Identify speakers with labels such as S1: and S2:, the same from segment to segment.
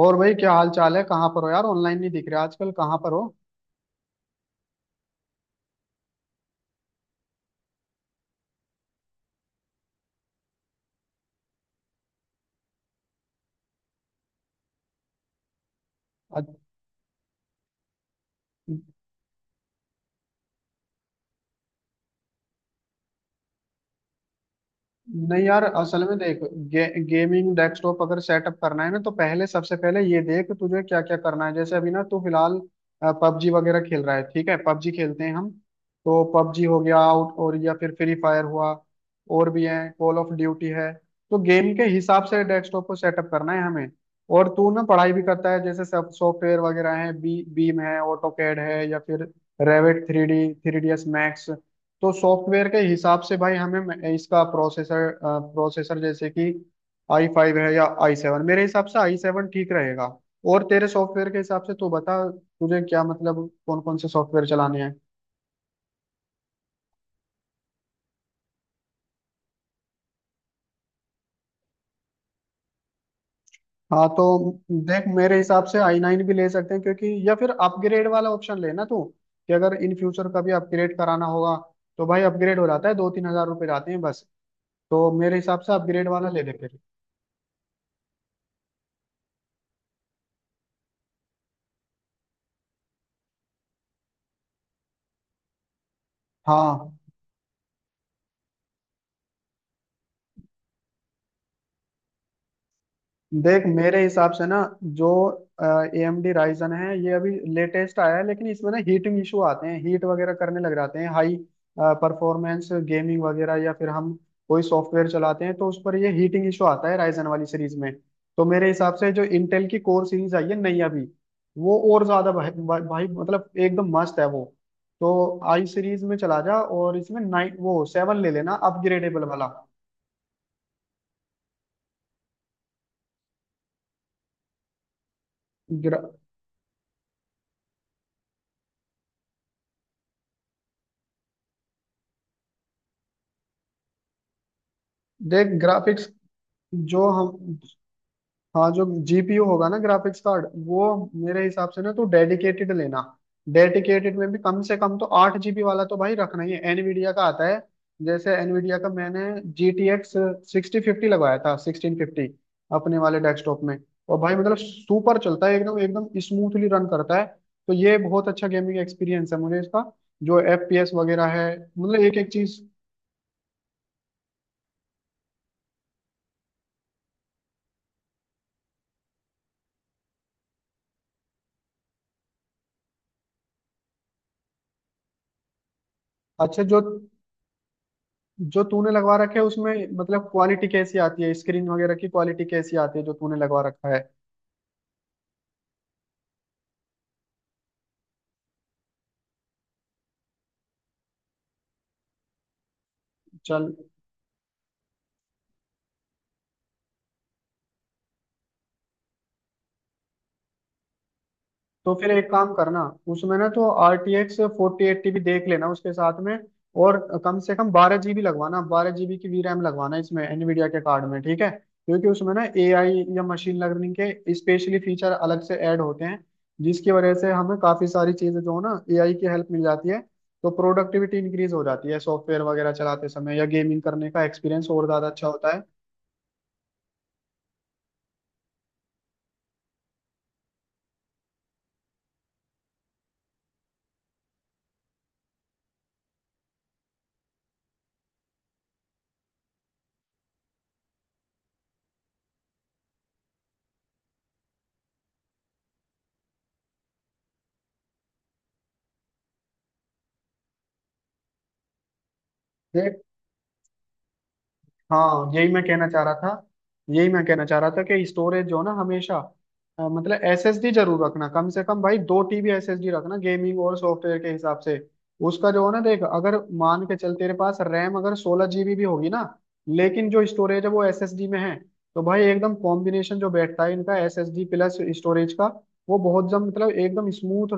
S1: और भाई क्या हाल चाल है? कहाँ पर हो यार? ऑनलाइन नहीं दिख रहे आजकल, कहाँ पर हो? आज नहीं यार, असल में देख, गेमिंग डेस्कटॉप अगर सेटअप करना है ना, तो पहले सबसे पहले ये देख तुझे क्या क्या करना है। जैसे अभी ना तू फिलहाल पबजी वगैरह खेल रहा है, ठीक है, पबजी खेलते हैं हम। तो पबजी हो गया आउट, और या फिर फ्री फायर हुआ, और भी है, कॉल ऑफ ड्यूटी है। तो गेम के हिसाब से डेस्कटॉप को सेटअप करना है हमें। और तू ना पढ़ाई भी करता है, जैसे सब सॉफ्टवेयर वगैरह है, बी बीम है, ऑटोकैड है, या फिर Revit three D, three D S Max. तो सॉफ्टवेयर के हिसाब से भाई हमें इसका प्रोसेसर प्रोसेसर जैसे कि आई फाइव है या आई सेवन, मेरे हिसाब से आई सेवन ठीक रहेगा। और तेरे सॉफ्टवेयर के हिसाब से तू बता तुझे क्या मतलब कौन कौन से सॉफ्टवेयर चलाने हैं। हाँ तो देख, मेरे हिसाब से आई नाइन भी ले सकते हैं, क्योंकि या फिर अपग्रेड वाला ऑप्शन लेना तू, कि अगर इन फ्यूचर कभी अपग्रेड कराना होगा, तो भाई अपग्रेड हो जाता है, दो तीन हजार रुपये जाते हैं बस। तो मेरे हिसाब से अपग्रेड वाला ले ले फिर। हाँ, देख मेरे हिसाब से ना, जो ए एम डी राइजन है, ये अभी लेटेस्ट आया है, लेकिन इसमें ना हीटिंग इशू आते हैं, हीट वगैरह करने लग जाते हैं। हाई परफॉर्मेंस गेमिंग वगैरह या फिर हम कोई सॉफ्टवेयर चलाते हैं, तो उस पर ये हीटिंग इशू आता है राइजन वाली सीरीज में। तो मेरे हिसाब से जो इंटेल की कोर सीरीज आई है नई अभी, वो और ज्यादा भाई मतलब एकदम मस्त है वो। तो आई सीरीज में चला जा, और इसमें नाइन वो सेवन ले लेना अपग्रेडेबल वाला। ग्रा, देख ग्राफिक्स, जो हम हाँ, जो जीपीयू होगा ना ग्राफिक्स कार्ड, वो मेरे हिसाब से ना तो डेडिकेटेड लेना। डेडिकेटेड में भी कम से कम तो 8 जीबी वाला तो भाई रखना ही है, एनवीडिया का आता है। जैसे एनवीडिया का मैंने G T X sixty fifty लगवाया था, सिक्सटीन फिफ्टी, अपने वाले डेस्कटॉप में। और भाई मतलब सुपर चलता है, एकदम एकदम स्मूथली रन करता है। तो ये बहुत अच्छा गेमिंग एक्सपीरियंस है मुझे इसका, जो एफ पी एस वगैरह है, मतलब एक एक चीज। अच्छा, जो जो तूने लगवा रखे है उसमें, मतलब क्वालिटी कैसी आती है? स्क्रीन वगैरह की क्वालिटी कैसी आती है, जो तूने लगवा रखा है? चल, तो फिर एक काम करना, उसमें ना तो R T X forty eighty भी देख लेना उसके साथ में। और कम से कम 12 जीबी लगवाना, 12 जीबी की वी रैम लगवाना इसमें एनवीडिया के कार्ड में, ठीक है? क्योंकि उसमें ना ए आई या मशीन लर्निंग के स्पेशली फीचर अलग से ऐड होते हैं, जिसकी वजह से हमें काफी सारी चीजें जो है ना, ए आई की हेल्प मिल जाती है। तो प्रोडक्टिविटी इंक्रीज हो जाती है सॉफ्टवेयर वगैरह चलाते समय, या गेमिंग करने का एक्सपीरियंस और ज्यादा अच्छा होता है। हाँ, यही मैं कहना चाह रहा था, यही मैं कहना चाह रहा था कि स्टोरेज जो ना हमेशा मतलब एसएसडी जरूर रखना, कम से कम भाई 2 टीबी एसएसडी रखना गेमिंग और सॉफ्टवेयर के हिसाब से। उसका जो है ना, देख अगर मान के चल तेरे पास रैम अगर 16 जीबी भी होगी ना, लेकिन जो स्टोरेज है वो एसएसडी में है, तो भाई एकदम कॉम्बिनेशन जो बैठता है इनका एसएसडी प्लस स्टोरेज का, वो बहुत जम, मतलब एकदम स्मूथ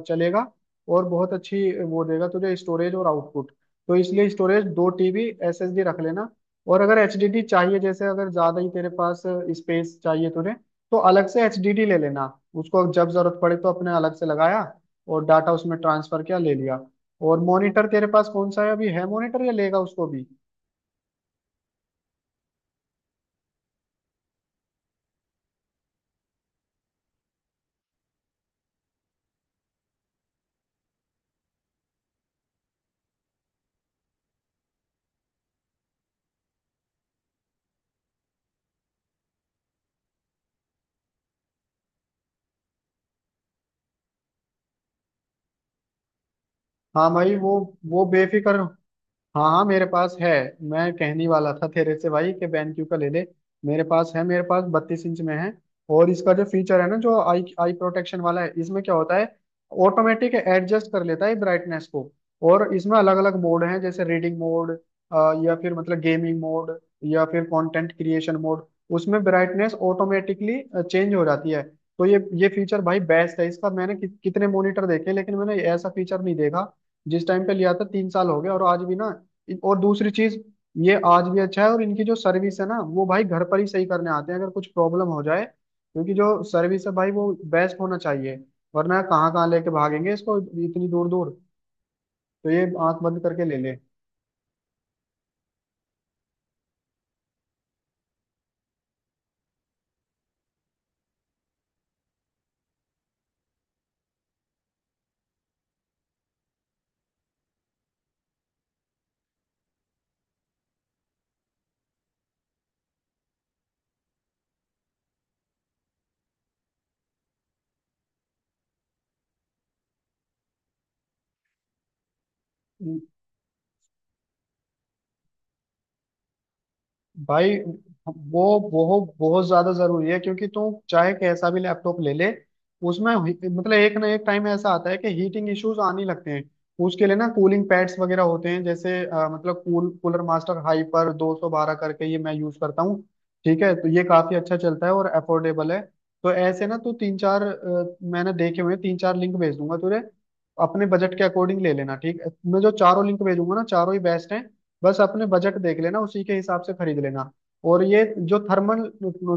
S1: चलेगा, और बहुत अच्छी वो देगा तुझे स्टोरेज और आउटपुट। तो इसलिए स्टोरेज 2 टीबी एसएसडी रख लेना। और अगर एचडीडी चाहिए, जैसे अगर ज्यादा ही तेरे पास स्पेस चाहिए तुझे, तो अलग से एचडीडी ले लेना। उसको जब जरूरत पड़े तो अपने अलग से लगाया, और डाटा उसमें ट्रांसफर किया, ले लिया। और मॉनिटर तेरे पास कौन सा है? अभी है मॉनिटर या लेगा उसको भी? हाँ भाई, वो बेफिक्र। हाँ हाँ, मेरे पास है, मैं कहने वाला था तेरे से भाई कि BenQ का ले ले। मेरे पास है, मेरे पास 32 इंच में है। और इसका जो फीचर है ना, जो आई आई प्रोटेक्शन वाला है, इसमें क्या होता है, ऑटोमेटिक एडजस्ट कर लेता है ब्राइटनेस को। और इसमें अलग अलग मोड हैं, जैसे रीडिंग मोड, या फिर मतलब गेमिंग मोड, या फिर कंटेंट क्रिएशन मोड। उसमें ब्राइटनेस ऑटोमेटिकली चेंज हो जाती है। तो ये फीचर भाई बेस्ट है इसका। मैंने कितने मॉनिटर देखे, लेकिन मैंने ऐसा फीचर नहीं देखा। जिस टाइम पे लिया था 3 साल हो गए, और आज भी ना, और दूसरी चीज, ये आज भी अच्छा है। और इनकी जो सर्विस है ना, वो भाई घर पर ही सही करने आते हैं अगर कुछ प्रॉब्लम हो जाए, क्योंकि जो सर्विस है भाई वो बेस्ट होना चाहिए, वरना कहाँ कहाँ लेके भागेंगे इसको, इतनी दूर दूर। तो ये आंख बंद करके ले ले भाई। वो वो बहुत ज्यादा जरूरी है, क्योंकि तू चाहे कैसा भी लैपटॉप ले ले, उसमें मतलब एक ना एक टाइम ऐसा आता है कि हीटिंग इश्यूज आने लगते हैं। उसके लिए ना कूलिंग पैड्स वगैरह होते हैं, जैसे मतलब कूलर मास्टर हाइपर 212 करके, ये मैं यूज करता हूँ, ठीक है? तो ये काफी अच्छा चलता है और अफोर्डेबल है। तो ऐसे ना तू तीन चार मैंने देखे हुए हैं, तीन चार लिंक भेज दूंगा तुझे, अपने बजट के अकॉर्डिंग ले लेना, ठीक है? मैं जो चारों लिंक भेजूंगा ना, चारों ही बेस्ट हैं, बस अपने बजट देख लेना, उसी के हिसाब से खरीद लेना। और ये जो थर्मल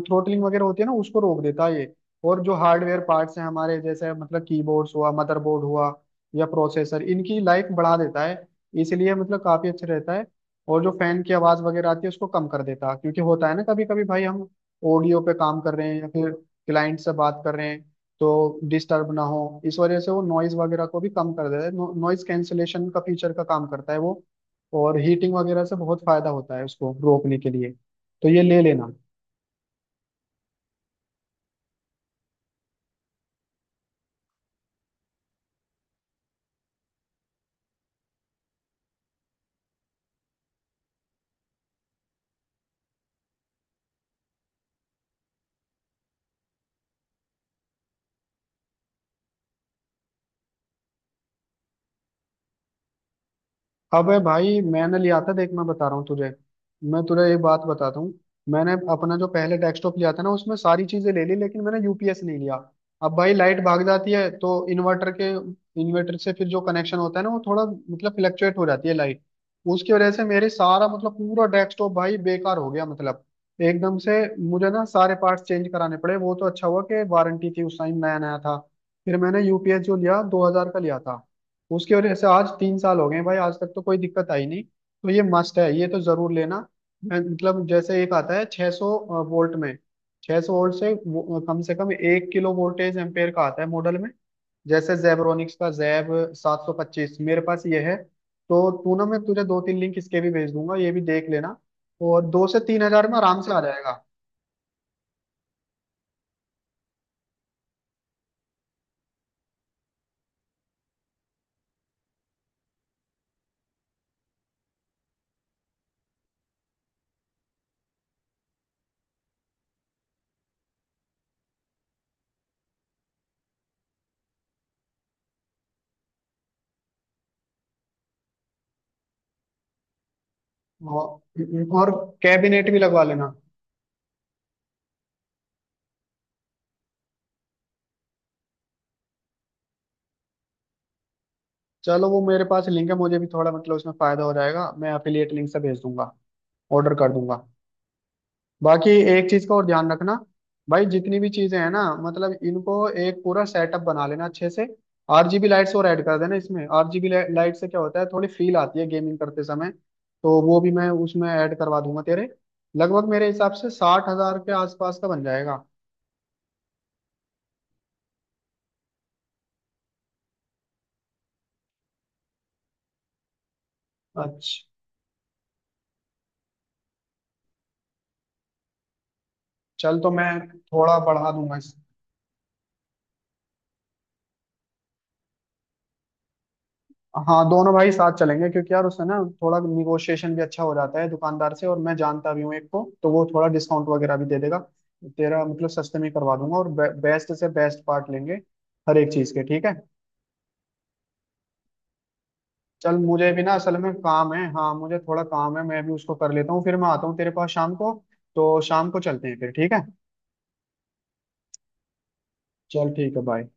S1: थ्रोटलिंग वगैरह होती है ना, उसको रोक देता है ये। और जो हार्डवेयर पार्ट्स हैं हमारे, जैसे मतलब कीबोर्ड्स हुआ, मदरबोर्ड हुआ, या प्रोसेसर, इनकी लाइफ बढ़ा देता है। इसलिए मतलब काफी अच्छा रहता है। और जो फैन की आवाज वगैरह आती है, उसको कम कर देता है, क्योंकि होता है ना, कभी कभी भाई हम ऑडियो पे काम कर रहे हैं या फिर क्लाइंट से बात कर रहे हैं, तो डिस्टर्ब ना हो इस वजह से, वो नॉइज वगैरह को भी कम कर देता है। नॉइज कैंसिलेशन का फीचर का काम करता है वो। और हीटिंग वगैरह से बहुत फायदा होता है, उसको रोकने के लिए, तो ये ले लेना। अबे भाई मैंने लिया था, देख मैं बता रहा हूँ तुझे, मैं तुझे एक बात बताता हूँ। मैंने अपना जो पहले डेस्कटॉप लिया था ना, उसमें सारी चीजें ले ली लेकिन मैंने यूपीएस नहीं लिया। अब भाई लाइट भाग जाती है, तो इन्वर्टर से फिर जो कनेक्शन होता है ना, वो थोड़ा मतलब फ्लक्चुएट हो जाती है लाइट, उसकी वजह से मेरे सारा मतलब पूरा डेस्कटॉप भाई बेकार हो गया, मतलब एकदम से। मुझे ना सारे पार्ट्स चेंज कराने पड़े, वो तो अच्छा हुआ कि वारंटी थी, उस टाइम नया नया था। फिर मैंने यूपीएस जो लिया, 2000 का लिया था, उसकी वजह से आज 3 साल हो गए भाई, आज तक तो कोई दिक्कत आई नहीं। तो ये मस्ट है, ये तो जरूर लेना। मतलब जैसे एक आता है 600 वोल्ट में, 600 वोल्ट से कम से कम एक किलो वोल्टेज एम्पेयर का आता है मॉडल में। जैसे जेबरोनिक्स का जैब 725 मेरे पास ये है। तो तू ना, मैं तुझे दो तीन लिंक इसके भी भेज दूंगा, ये भी देख लेना, और दो से तीन हजार में आराम से आ जाएगा। और और कैबिनेट भी लगवा लेना। चलो वो मेरे पास लिंक है, मुझे भी थोड़ा मतलब उसमें फायदा हो जाएगा, मैं अफिलिएट लिंक से भेज दूंगा, ऑर्डर कर दूंगा। बाकी एक चीज का और ध्यान रखना भाई, जितनी भी चीजें हैं ना, मतलब इनको एक पूरा सेटअप बना लेना अच्छे से, आरजीबी लाइट्स और ऐड कर देना इसमें। आरजीबी लाइट से क्या होता है, थोड़ी फील आती है गेमिंग करते समय। तो वो भी मैं उसमें ऐड करवा दूंगा तेरे, लगभग मेरे हिसाब से 60 हज़ार के आसपास का बन जाएगा। अच्छा चल, तो मैं थोड़ा बढ़ा दूंगा इस। हाँ, दोनों भाई साथ चलेंगे, क्योंकि यार उससे ना थोड़ा निगोशिएशन भी अच्छा हो जाता है दुकानदार से, और मैं जानता भी हूँ एक को, तो वो थोड़ा डिस्काउंट वगैरह भी दे देगा तेरा, मतलब सस्ते में ही करवा दूंगा, और बेस्ट से बेस्ट पार्ट लेंगे हर एक चीज के, ठीक है? चल मुझे भी ना असल में काम है, हाँ मुझे थोड़ा काम है, मैं भी उसको कर लेता हूँ, फिर मैं आता हूँ तेरे पास शाम को, तो शाम को चलते हैं फिर। ठीक है, चल ठीक है, बाय।